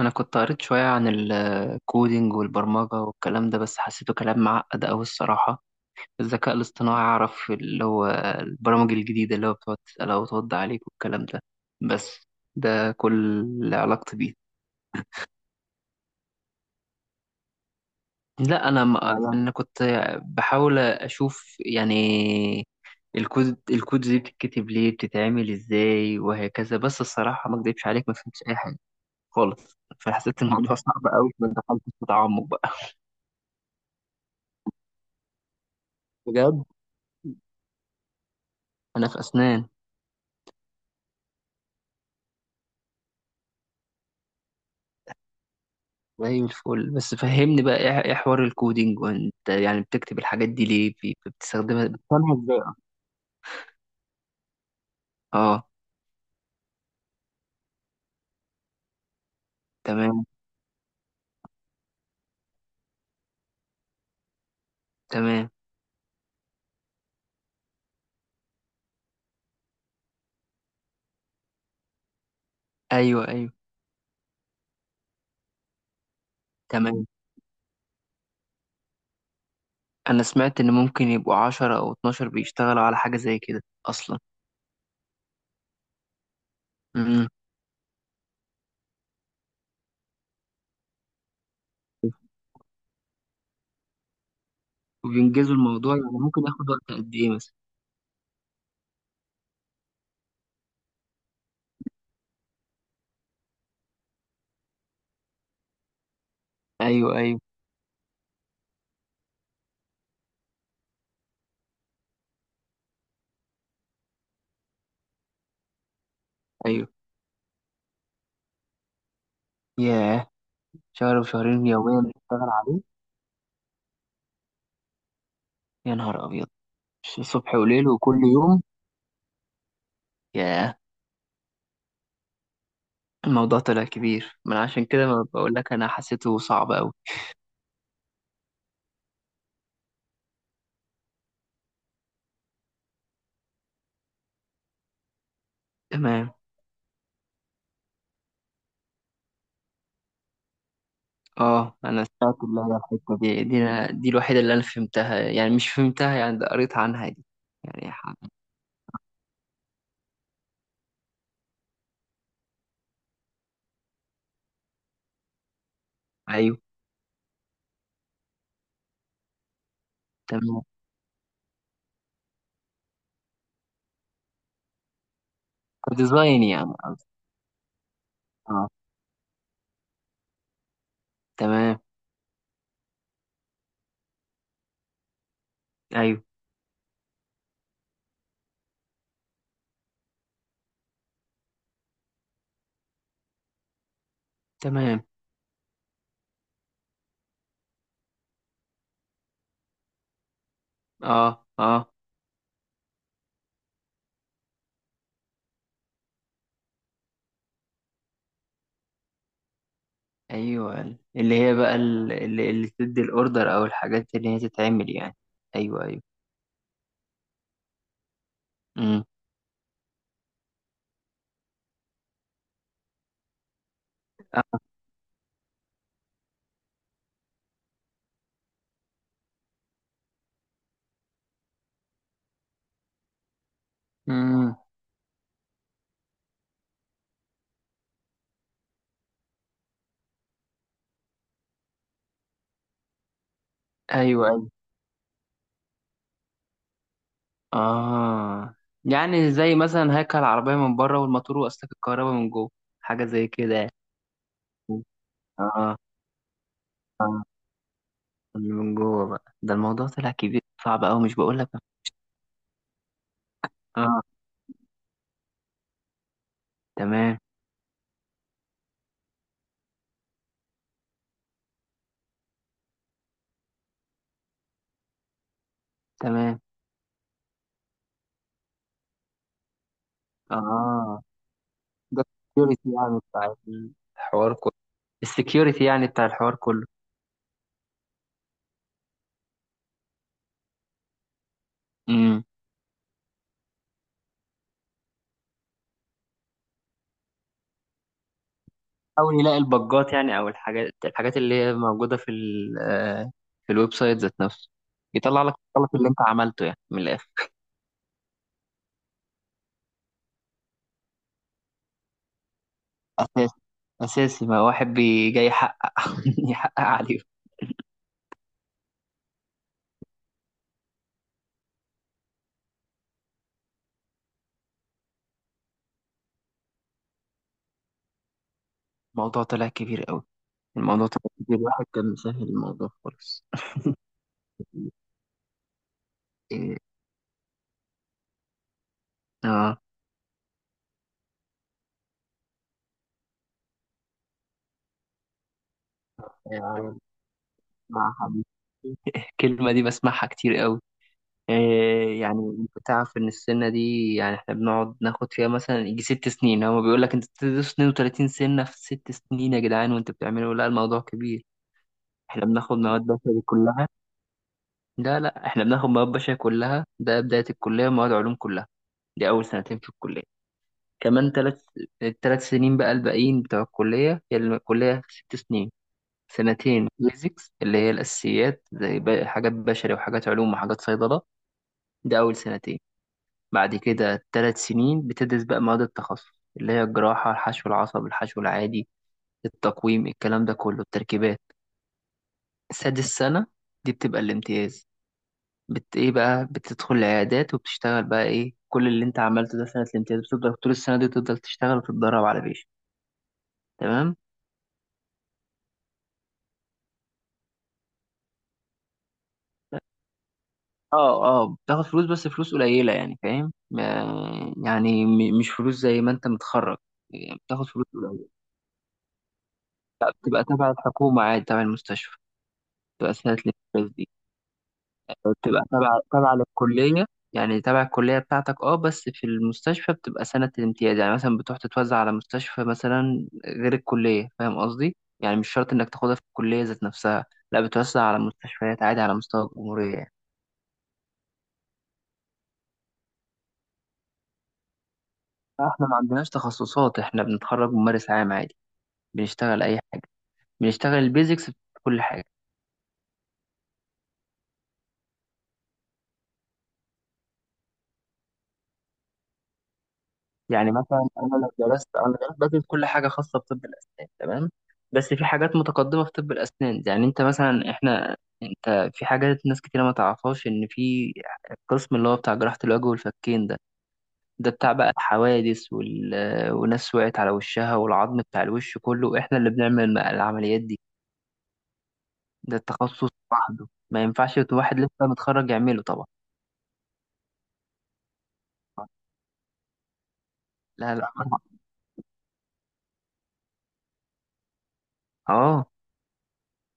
أنا كنت قريت شوية عن الكودينج والبرمجة والكلام ده، بس حسيته كلام معقد أوي الصراحة. الذكاء الاصطناعي أعرف اللي هو البرامج الجديدة اللي هو بتقعد تسألها وترد عليك والكلام ده. بس ده كل اللي علاقتي بيه. لا أنا ما أنا كنت بحاول أشوف يعني الكود دي بتتكتب ليه بتتعمل إزاي وهكذا. بس الصراحة ما أكدبش عليك، ما فهمتش أي حاجة خالص. فحسيت الموضوع صعب أوي، ما دخلتش في تعمق بقى. بجد. أنا في أسنان. زي الفل، بس فهمني بقى إيه حوار الكودينج، وانت يعني بتكتب الحاجات دي ليه، بتستخدمها بتفهمها ازاي؟ اه. تمام. تمام. ايوه، ايوه. تمام. انا سمعت ان ممكن يبقوا 10 او 12 بيشتغلوا على حاجة زي كده اصلا. امم. وبينجزوا الموضوع، يعني ممكن ياخد وقت قد ايه مثلا؟ ايوه، ايوه. ايوه. ياه. شهر وشهرين يوميا بتشتغل عليه؟ يا نهار ابيض. صبح وليل وكل يوم. ياه. الموضوع طلع كبير، من عشان كده ما بقول لك انا حسيته صعب قوي. تمام. اه، انا سمعت اللي هي الحته دي، دي الوحيده اللي انا فهمتها، يعني مش فهمتها يعني، ده قريت عنها دي. يعني ح- ايوه. تمام. كديزاين يعني قصدي. اه. تمام. ايوه. تمام. اه. اه. ايوه، اللي هي بقى اللي تدي الاوردر او الحاجات اللي هي تتعمل يعني. ايوه، ايوه. امم. امم. ايوه، ايوه. اه. يعني زي مثلا هيكل العربيه من بره، والموتور واسلاك الكهرباء من جوه. حاجه زي كده يعني. اه. آه. اللي من جوه بقى، ده الموضوع طلع كبير صعب أوي مش بقول لك. اه. تمام. تمام. اه. ده السكيورتي يعني بتاع الحوار كله. السكيورتي يعني بتاع الحوار كله امم. حاول يلاقي البجات يعني، او الحاجات اللي هي موجودة في ال آه، في الويب سايت ذات نفسه. يطلع لك الغلط اللي انت عملته يعني من الاخر. اساسي. اساسي، ما واحد بي جاي يحقق يحقق عليه. الموضوع طلع كبير قوي. الموضوع طلع كبير، الواحد كان مسهل الموضوع خالص. إيه. اه. يعني بصراحة الكلمة دي بسمعها كتير قوي. إيه يعني، انت تعرف ان السنة دي يعني احنا بنقعد ناخد فيها مثلا يجي 6 سنين. هو بيقول لك انت بتدرس 32 سنة في 6 سنين يا جدعان وانت بتعملوا؟ لا الموضوع كبير. احنا بناخد مواد بشري كلها. لا لا، احنا بناخد مواد بشري كلها، ده بداية الكلية، ومواد علوم كلها. دي أول سنتين في الكلية. كمان ثلاث الثلاث سنين بقى الباقيين بتوع الكلية. هي الكلية 6 سنين. سنتين بيزكس، اللي هي الأساسيات، زي حاجات بشري وحاجات علوم وحاجات صيدلة. ده أول سنتين. بعد كده 3 سنين بتدرس بقى مواد التخصص، اللي هي الجراحة، الحشو العصب، الحشو العادي، التقويم، الكلام ده كله، التركيبات. سادس سنة دي بتبقى الامتياز. بت ايه بقى، بتدخل العيادات وبتشتغل بقى ايه كل اللي انت عملته ده. سنة الامتياز بتفضل طول السنة دي تفضل تشتغل وتتدرب على بيش. تمام. اه اه، بتاخد فلوس بس فلوس قليلة يعني، فاهم؟ مش فلوس زي ما انت متخرج، يعني بتاخد فلوس قليلة. لا بتبقى تبع الحكومة عادي، تبع المستشفى. بتبقى سنة الفلوس دي. بتبقى تبع للكلية. يعني تبع الكلية بتاعتك اه، بس في المستشفى بتبقى سنة الامتياز، يعني مثلا بتروح تتوزع على مستشفى مثلا غير الكلية، فاهم قصدي؟ يعني مش شرط انك تاخدها في الكلية ذات نفسها. لا بتوزع على مستشفيات عادي على مستوى الجمهورية يعني. احنا ما عندناش تخصصات، احنا بنتخرج ممارس عام عادي. بنشتغل اي حاجه. بنشتغل البيزكس في كل حاجه. يعني مثلا انا لو درست، انا درست بدرس كل حاجه خاصه بطب الاسنان تمام. بس في حاجات متقدمه في طب الاسنان، يعني انت مثلا احنا، انت في حاجات ناس كتير ما تعرفهاش ان في القسم اللي هو بتاع جراحه الوجه والفكين ده. ده بتاع بقى الحوادث وناس وقعت على وشها والعظم بتاع الوش كله احنا اللي بنعمل العمليات دي. ده التخصص لوحده ما ينفعش واحد لسه متخرج يعمله طبعا. لا لا. اه،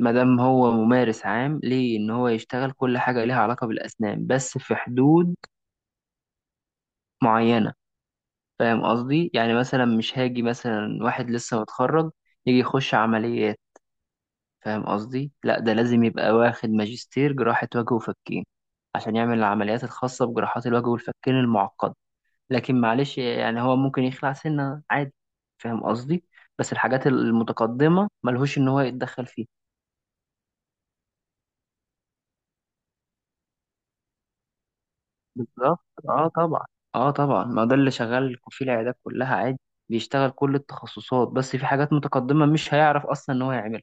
ما دام هو ممارس عام ليه ان هو يشتغل كل حاجه ليها علاقه بالاسنان، بس في حدود معينه. فاهم قصدي؟ يعني مثلا مش هاجي مثلا واحد لسه متخرج يجي يخش عمليات، فاهم قصدي؟ لا، ده لازم يبقى واخد ماجستير جراحه وجه وفكين عشان يعمل العمليات الخاصه بجراحات الوجه والفكين المعقده. لكن معلش يعني هو ممكن يخلع سنه عادي، فاهم قصدي؟ بس الحاجات المتقدمه ملهوش ان هو يتدخل فيها. بالظبط، اه طبعا. اه طبعا، ما ده اللي شغال في العيادات كلها عادي. بيشتغل كل التخصصات، بس في حاجات متقدمة مش هيعرف اصلا ان هو يعملها.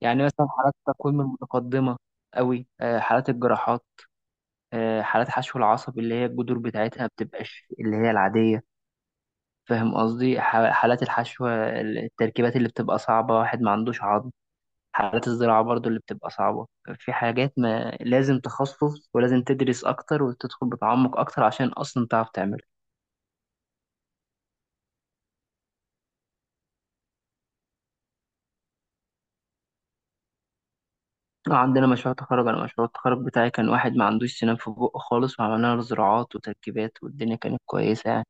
يعني مثلا حالات التقويم المتقدمة قوي، آه، حالات الجراحات، آه، حالات حشو العصب اللي هي الجذور بتاعتها بتبقاش اللي هي العادية، فاهم قصدي؟ حالات الحشو، التركيبات اللي بتبقى صعبة، واحد ما عندوش عظم. حالات الزراعة برضو اللي بتبقى صعبة. في حاجات ما، لازم تخصص ولازم تدرس أكتر وتدخل بتعمق أكتر عشان أصلا تعرف تعمل. اه عندنا مشروع تخرج. انا مشروع التخرج بتاعي كان واحد ما عندوش سنان في بقه خالص، وعملنا له زراعات وتركيبات والدنيا كانت كويسة يعني.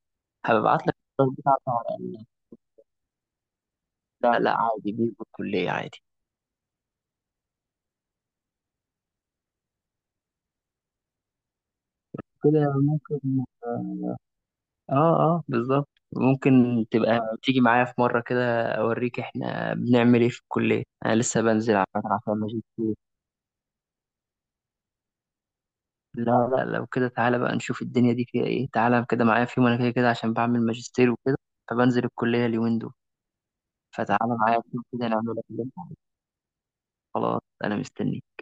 هبعت لك الصور بتاعته على لا لا عادي بيه الكلية عادي. كده ممكن، اه. اه آه، بالظبط. ممكن تبقى تيجي معايا في مرة كده اوريك احنا بنعمل ايه في الكلية، انا لسه بنزل على فكرة عشان ماجستير. لا لا، لو كده تعالى بقى نشوف الدنيا دي فيها ايه. تعالى كده معايا في يوم، انا كده كده عشان بعمل ماجستير وكده، فبنزل الكلية اليومين دول. فتعالى معايا بكرة كده نعملها كده. خلاص أنا مستنيك.